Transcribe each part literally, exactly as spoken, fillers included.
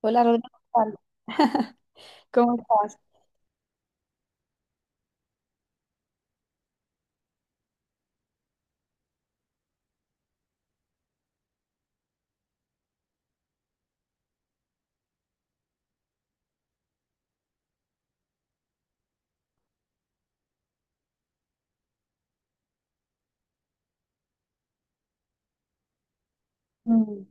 Hola, Rodrigo. ¿Qué tal? ¿Cómo estás? Mm,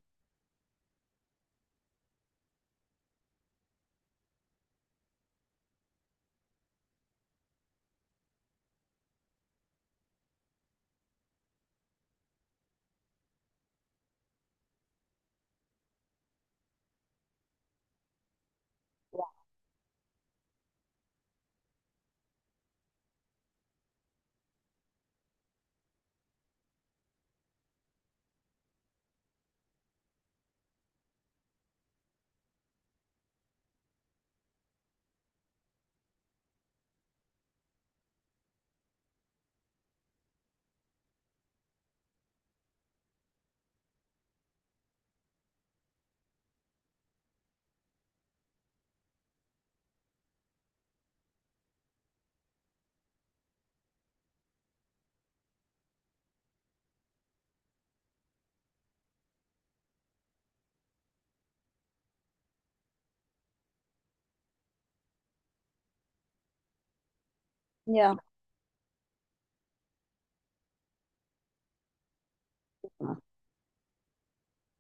Ya.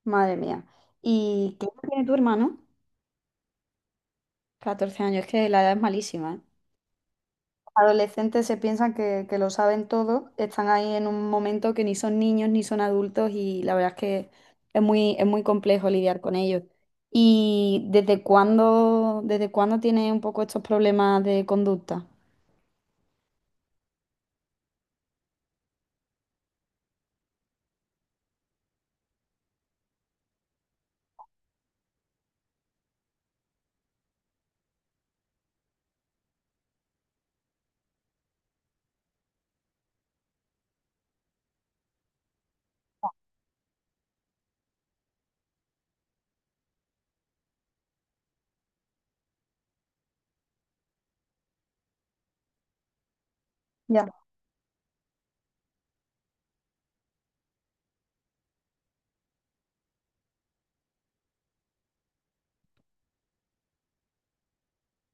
Madre mía. ¿Y qué edad tiene tu hermano? Catorce años, es que la edad es malísima, ¿eh? Adolescentes se piensan que, que lo saben todo, están ahí en un momento que ni son niños ni son adultos y la verdad es que es muy, es muy complejo lidiar con ellos. ¿Y desde cuándo, desde cuándo tiene un poco estos problemas de conducta? Ya,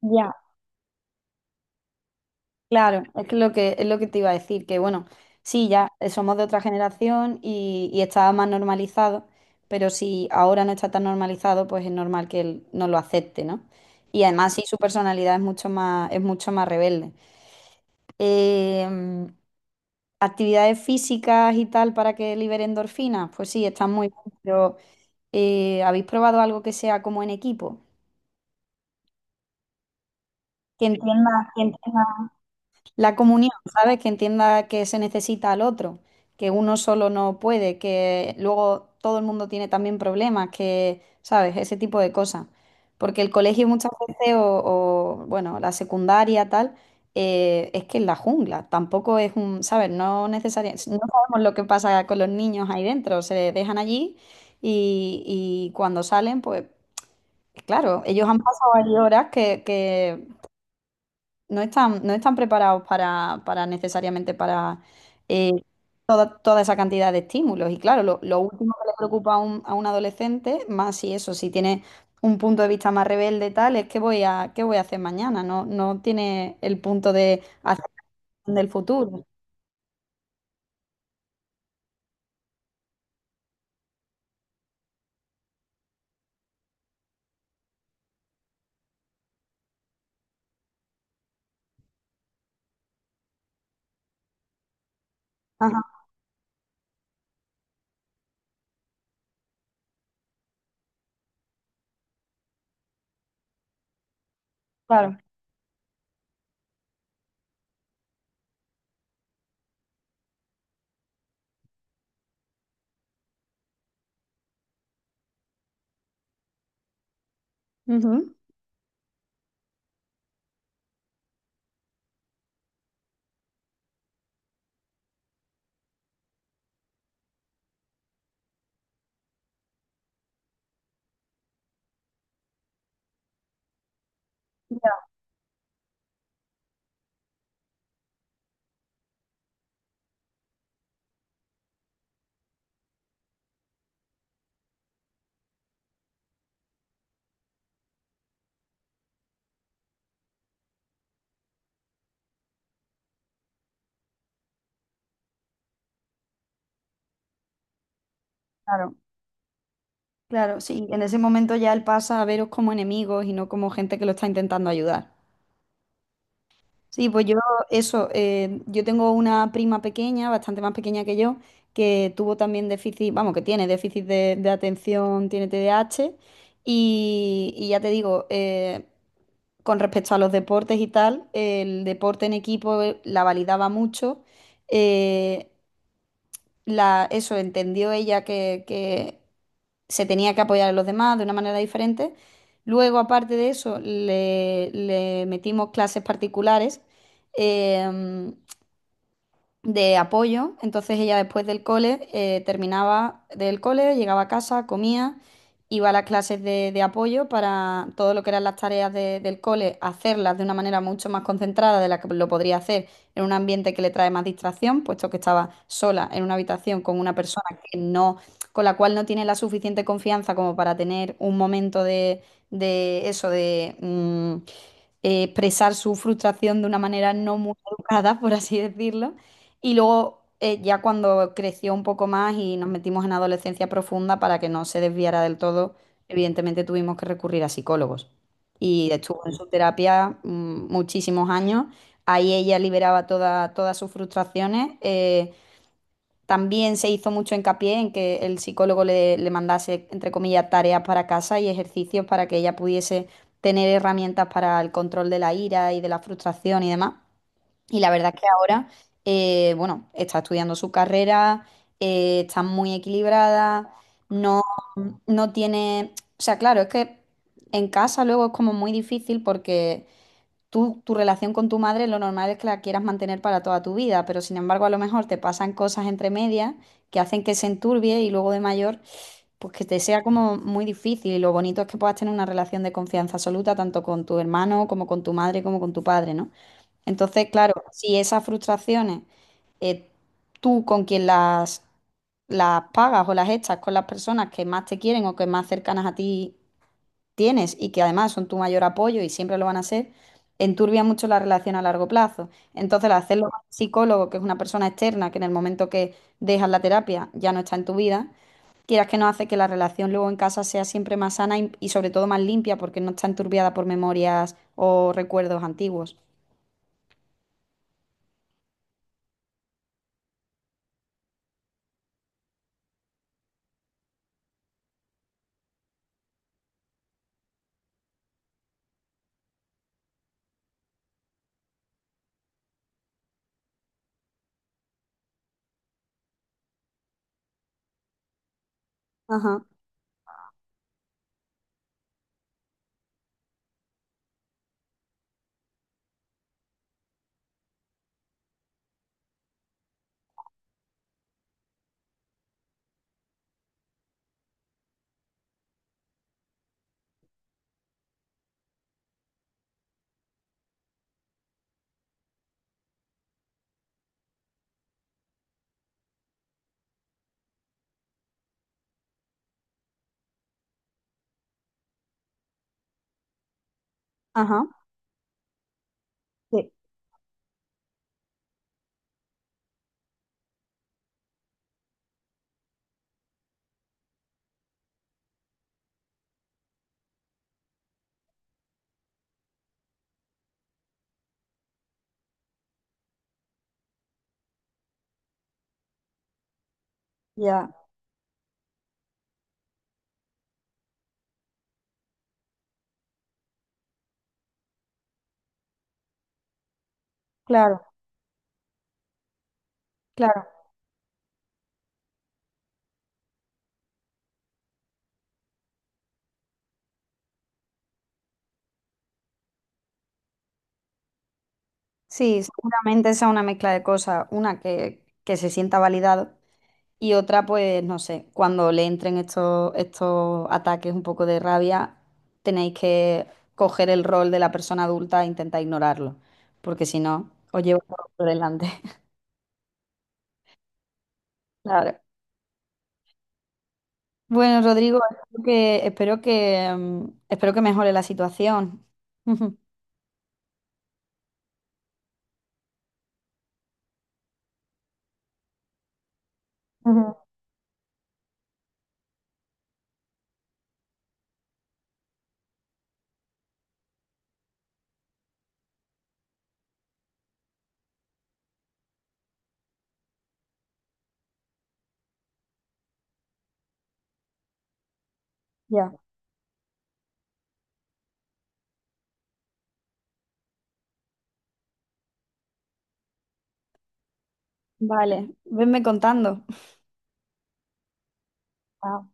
ya. Claro, es que lo que es lo que te iba a decir, que bueno, sí, ya eh, somos de otra generación y, y estaba más normalizado, pero si ahora no está tan normalizado, pues es normal que él no lo acepte, ¿no? Y además sí, su personalidad es mucho más, es mucho más rebelde. Eh, mm, actividades físicas y tal para que libere endorfinas, pues sí, están muy bien, pero eh, ¿habéis probado algo que sea como en equipo? Que entienda, la comunión, ¿sabes? Que entienda que se necesita al otro, que uno solo no puede, que luego todo el mundo tiene también problemas, que, ¿sabes? Ese tipo de cosas. Porque el colegio muchas veces, o, o, bueno, la secundaria, tal, eh, es que es la jungla, tampoco es un, ¿sabes? No necesariamente, no sabemos lo que pasa con los niños ahí dentro, se dejan allí y, y cuando salen, pues, claro, ellos han pasado ahí horas que, no están, no están preparados para, para necesariamente para eh, toda, toda esa cantidad de estímulos. Y claro, lo, lo último que le preocupa a un, a un adolescente, más si eso, si tiene un punto de vista más rebelde, tal, es qué voy a, qué voy a hacer mañana. No, no tiene el punto de hacer del futuro. Ajá, claro. Ujú. Ya, claro, claro, sí. En ese momento ya él pasa a veros como enemigos y no como gente que lo está intentando ayudar. Sí, pues yo eso, eh, yo tengo una prima pequeña, bastante más pequeña que yo, que tuvo también déficit, vamos, que tiene déficit de, de atención, tiene T D A H, y, y ya te digo, eh, con respecto a los deportes y tal, el deporte en equipo eh, la validaba mucho, eh, la, eso, entendió ella que, que se tenía que apoyar a los demás de una manera diferente. Luego, aparte de eso, le le metimos clases particulares em, de apoyo. Entonces ella después del cole eh, terminaba del cole, llegaba a casa, comía, iba a las clases de, de apoyo para todo lo que eran las tareas de- del cole, hacerlas de una manera mucho más concentrada de la que lo podría hacer en un ambiente que le trae más distracción, puesto que estaba sola en una habitación con una persona que no, con la cual no tiene la suficiente confianza como para tener un momento de, de eso, de... mm, eh, expresar su frustración de una manera no muy educada, por así decirlo. Y luego, eh, ya cuando creció un poco más y nos metimos en adolescencia profunda, para que no se desviara del todo, evidentemente tuvimos que recurrir a psicólogos. Y estuvo en su terapia mm, muchísimos años. Ahí ella liberaba toda- todas sus frustraciones. Eh, también se hizo mucho hincapié en que el psicólogo le, le mandase, entre comillas, tareas para casa y ejercicios para que ella pudiese tener herramientas para el control de la ira y de la frustración y demás. Y la verdad es que ahora, eh, bueno, está estudiando su carrera, eh, está muy equilibrada, no, no tiene... O sea, claro, es que en casa luego es como muy difícil porque tú, tu relación con tu madre, lo normal es que la quieras mantener para toda tu vida, pero sin embargo a lo mejor te pasan cosas entre medias que hacen que se enturbie y luego de mayor, pues que te sea como muy difícil. Y lo bonito es que puedas tener una relación de confianza absoluta tanto con tu hermano como con tu madre como con tu padre, ¿no? Entonces, claro, si esas frustraciones, eh, tú con quien las las pagas o las echas con las personas que más te quieren o que más cercanas a ti tienes y que además son tu mayor apoyo y siempre lo van a ser, enturbia mucho la relación a largo plazo. Entonces, al hacerlo con un psicólogo, que es una persona externa, que en el momento que dejas la terapia ya no está en tu vida, quieras que no hace que la relación luego en casa sea siempre más sana y, y sobre todo más limpia porque no está enturbiada por memorias o recuerdos antiguos. Ajá, ajá, sí, ya, claro, claro. Sí, seguramente sea una mezcla de cosas, una que, que se sienta validado. Y otra, pues no sé, cuando le entren estos, estos ataques un poco de rabia, tenéis que coger el rol de la persona adulta e intentar ignorarlo, porque si no, os llevo por delante. Claro. Bueno, Rodrigo, espero que, espero que, mm, espero que mejore la situación. Ujú. Ya. Vale, venme contando. Chao.